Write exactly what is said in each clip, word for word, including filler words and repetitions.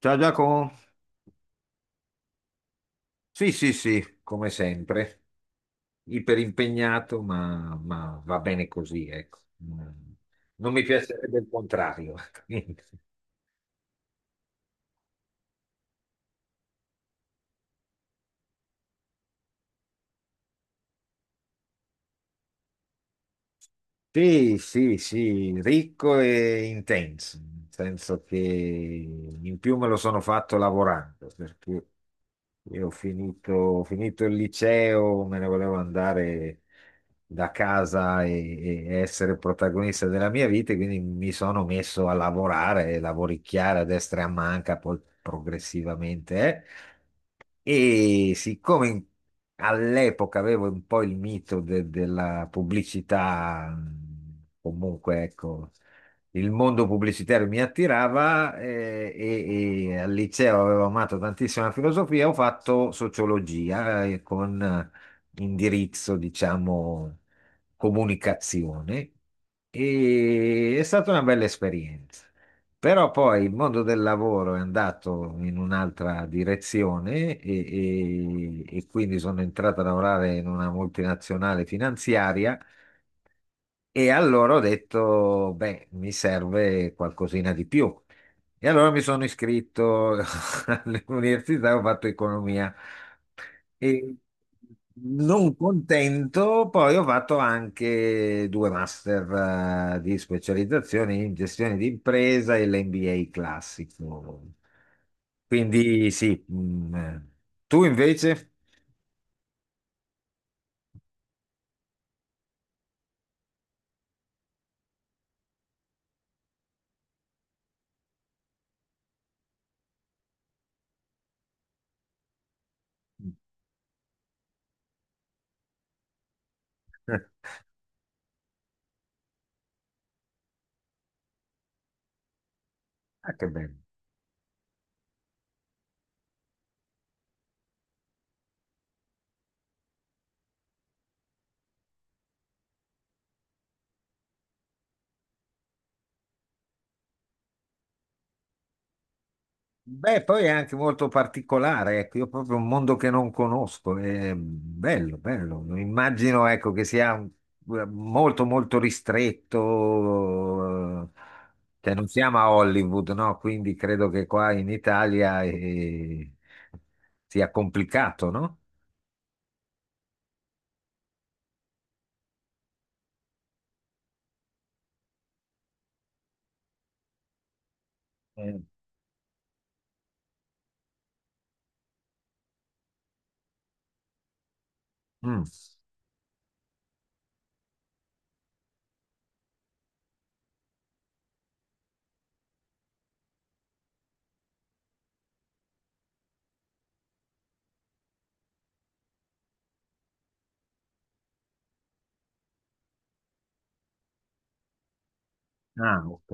Ciao Giacomo, sì sì sì, come sempre, iperimpegnato ma, ma va bene così, ecco. Mm. Non mi piacerebbe il contrario. Sì, sì, sì, ricco e intenso, nel senso che in più me lo sono fatto lavorando, perché io ho finito, ho finito il liceo, me ne volevo andare da casa e, e essere protagonista della mia vita, e quindi mi sono messo a lavorare, lavoricchiare a destra e a manca, poi progressivamente. eh. E siccome in- all'epoca avevo un po' il mito de- della pubblicità, mh, comunque ecco, il mondo pubblicitario mi attirava eh, e, e al liceo avevo amato tantissimo la filosofia, ho fatto sociologia eh, con eh, indirizzo, diciamo, comunicazione e è stata una bella esperienza. Però poi il mondo del lavoro è andato in un'altra direzione e, e- e quindi sono entrato a lavorare in una multinazionale finanziaria e allora ho detto, beh, mi serve qualcosina di più. E allora mi sono iscritto all'università, ho fatto economia. E non contento, poi ho fatto anche due master, eh, di specializzazione in gestione di impresa e l'M B A classico. Quindi sì, mm, eh. Tu invece? Ah, che bello. Beh, poi è anche molto particolare, ecco, io proprio un mondo che non conosco, è bello, bello. Immagino, ecco, che sia un- molto, molto ristretto, eh, cioè non siamo a Hollywood, no? Quindi credo che qua in Italia eh, sia complicato, no? Eh, mm. Ah, ok.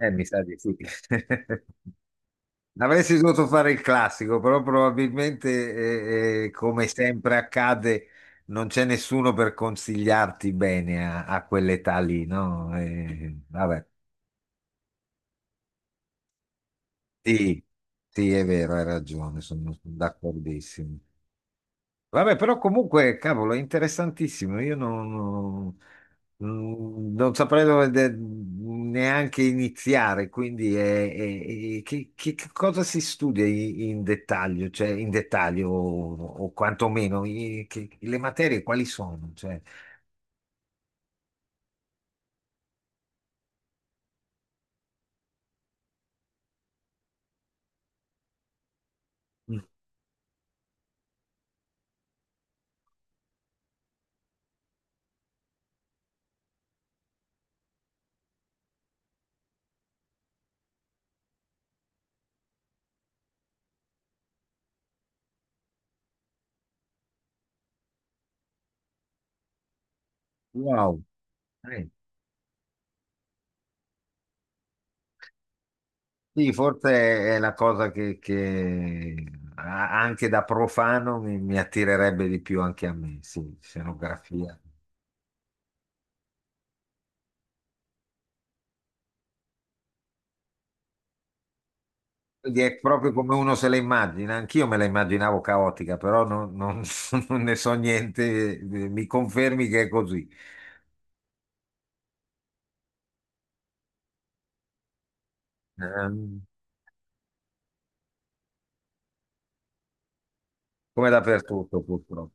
Eh, mi sa di sì. Avresti dovuto fare il classico, però probabilmente, eh, eh, come sempre accade, non c'è nessuno per consigliarti bene a, a quell'età lì, no? Eh, vabbè, sì, sì, è vero, hai ragione, sono sono d'accordissimo. Vabbè, però comunque, cavolo, è interessantissimo. Io non, non- non- non saprei dove de- neanche iniziare, quindi è- è- è- che, che- che cosa si studia i- in dettaglio, cioè in dettaglio o, o quantomeno i- che- le materie quali sono? Cioè. Mm. Wow, eh, sì, forse è la cosa che, che a- anche da profano mi, mi attirerebbe di più anche a me, sì, scenografia. Quindi è proprio come uno se la immagina, anch'io me la immaginavo caotica, però non, non- non ne so niente, eh, mi confermi che è così. Ehm, Come dappertutto purtroppo.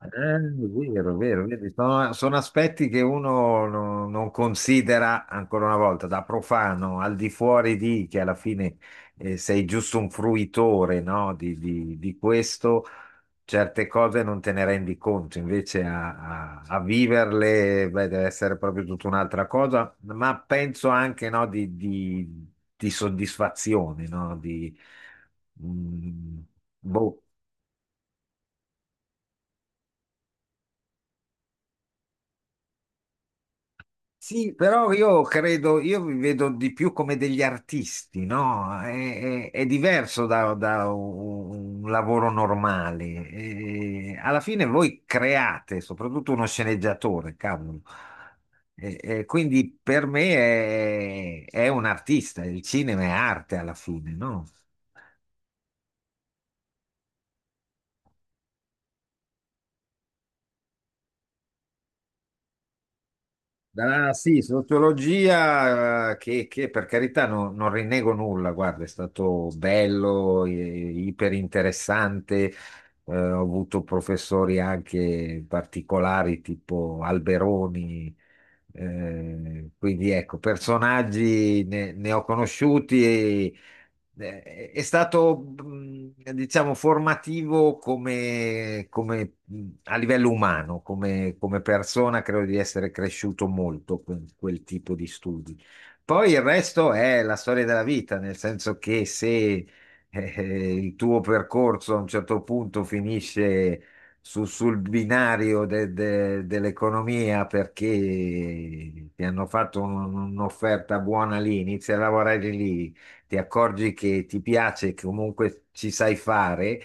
Eh, è vero, è vero, vedi, sono, sono aspetti che uno non, non considera ancora una volta, da profano, al di fuori di che alla fine eh, sei giusto un fruitore, no, di di- di questo. Certe cose non te ne rendi conto, invece a, a- a viverle, beh, deve essere proprio tutta un'altra cosa, ma penso anche, no, di, di- di soddisfazione, no, di, mm, boh. Sì, però io credo, io vi vedo di più come degli artisti, no? È, è- è diverso da, da un un lavoro normale. E alla fine voi create, soprattutto uno sceneggiatore, cavolo. E- e quindi per me è, è un artista, il cinema è arte alla fine, no? Ah, sì, sociologia eh, che, che, per carità non, non rinnego nulla, guarda, è stato bello, i- iper interessante, eh, ho avuto professori anche particolari tipo Alberoni, eh, quindi ecco, personaggi ne, ne ho conosciuti eh, È stato, mh, diciamo, formativo come, come, mh, a livello umano, come, come persona, credo di essere cresciuto molto con quel tipo di studi. Poi il resto è la storia della vita, nel senso che se eh, eh, il tuo percorso a un certo punto finisce su- sul binario de- de- dell'economia perché ti hanno fatto un- un'offerta buona lì, inizi a lavorare lì, ti accorgi che ti piace, che comunque ci sai fare.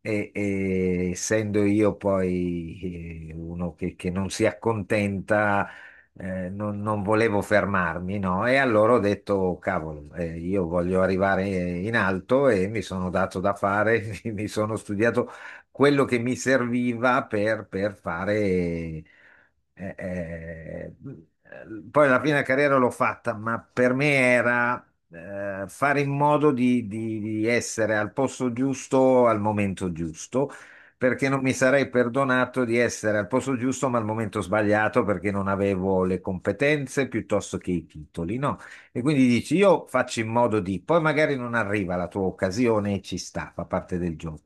E, e essendo io poi eh, uno che, che non si accontenta, eh, non, non volevo fermarmi, no? E allora ho detto, cavolo, eh, io voglio arrivare in alto e mi sono dato da fare, mi sono studiato quello che mi serviva per, per fare. eh, eh, Poi alla fine la carriera l'ho fatta, ma per me era eh, fare in modo di, di- di essere al posto giusto al momento giusto, perché non mi sarei perdonato di essere al posto giusto ma al momento sbagliato perché non avevo le competenze piuttosto che i titoli, no? E quindi dici, io faccio in modo di, poi magari non arriva la tua occasione e ci sta, fa parte del gioco.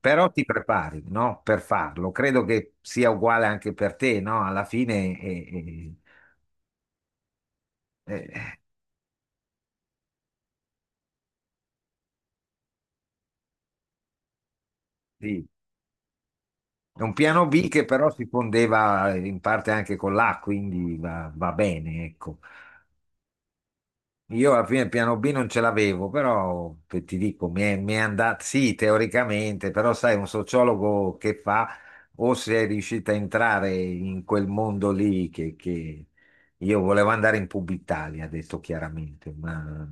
Però ti prepari, no? Per farlo. Credo che sia uguale anche per te, no? Alla fine, eh, eh, eh, sì. È un piano B che però si fondeva in parte anche con l'A, quindi va, va bene, ecco. Io alla fine il piano B non ce l'avevo, però eh, ti dico, mi è, mi è andata, sì, teoricamente, però sai, un sociologo che fa o se è riuscito a entrare in quel mondo lì che, che- io volevo andare in Publitalia, detto chiaramente, ma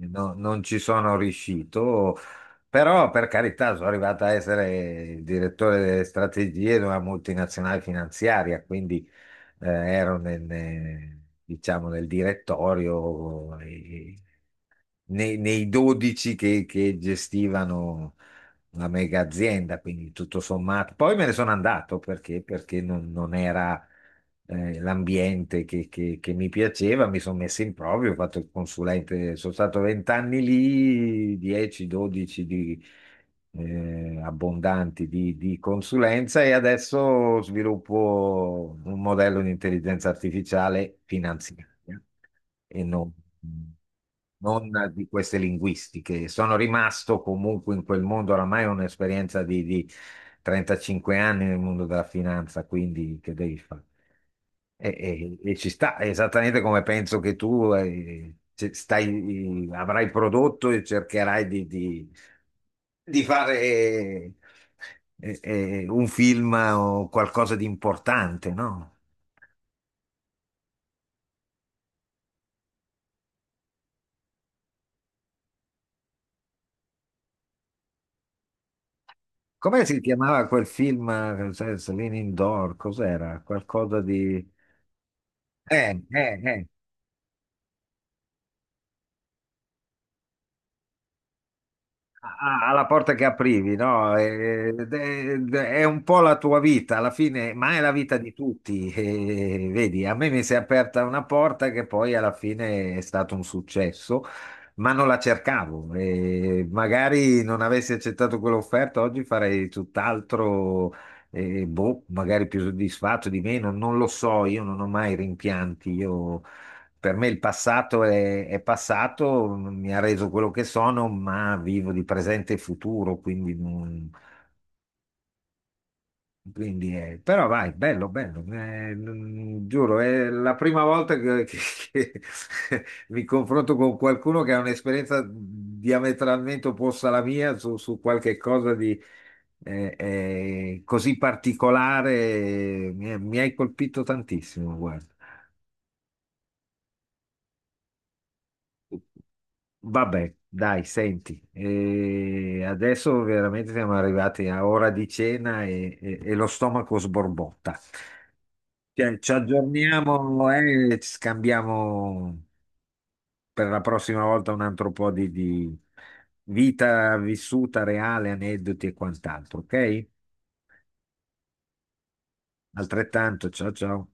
eh, no- non ci sono riuscito, però per carità sono arrivato a essere il direttore delle strategie di una multinazionale finanziaria, quindi eh, ero nel, nel- diciamo, nel direttorio e, nei, nei dodici che, che gestivano una mega azienda, quindi tutto sommato. Poi me ne sono andato perché, perché non, non era eh, l'ambiente che, che- che mi piaceva, mi sono messo in proprio, ho fatto il consulente, sono stato venti anni lì, dieci, dodici di... eh, abbondanti di, di consulenza e adesso sviluppo un modello di intelligenza artificiale finanziaria e non, non di queste linguistiche. Sono rimasto comunque in quel mondo, oramai è un'esperienza di, di trentacinque anni nel mondo della finanza, quindi che devi fare? E, e- e ci sta, è esattamente come penso che tu eh, ce- stai, avrai prodotto e cercherai di, di- di fare eh, eh, un film o qualcosa di importante, no? Come si chiamava quel film, eh, se- Celine Indoor? Cos'era? Qualcosa di... Eh, eh, eh, a- a- Alla porta che aprivi, no? Eh, de- de- È, un po' la tua vita, alla fine, ma è la vita di tutti. E, vedi, a me mi si è aperta una porta che poi alla fine è stato un successo. Ma non la cercavo e magari non avessi accettato quell'offerta oggi farei tutt'altro, eh, boh, magari più soddisfatto di meno, non lo so, io non ho mai rimpianti, io- per me il passato è, è passato, mi ha reso quello che sono, ma vivo di presente e futuro, quindi non- quindi, eh, però vai, bello, bello, eh, non- giuro, è la prima volta che, che- che mi confronto con qualcuno che ha un'esperienza diametralmente opposta alla mia su, su qualche cosa di eh, eh, così particolare, mi, mi hai colpito tantissimo, guarda. Vabbè, dai, senti, eh, adesso veramente siamo arrivati a ora di cena e e- e lo stomaco sborbotta. Cioè, ci aggiorniamo eh, e ci scambiamo per la prossima volta un altro po' di, di vita vissuta reale, aneddoti e quant'altro, ok? Altrettanto, ciao ciao.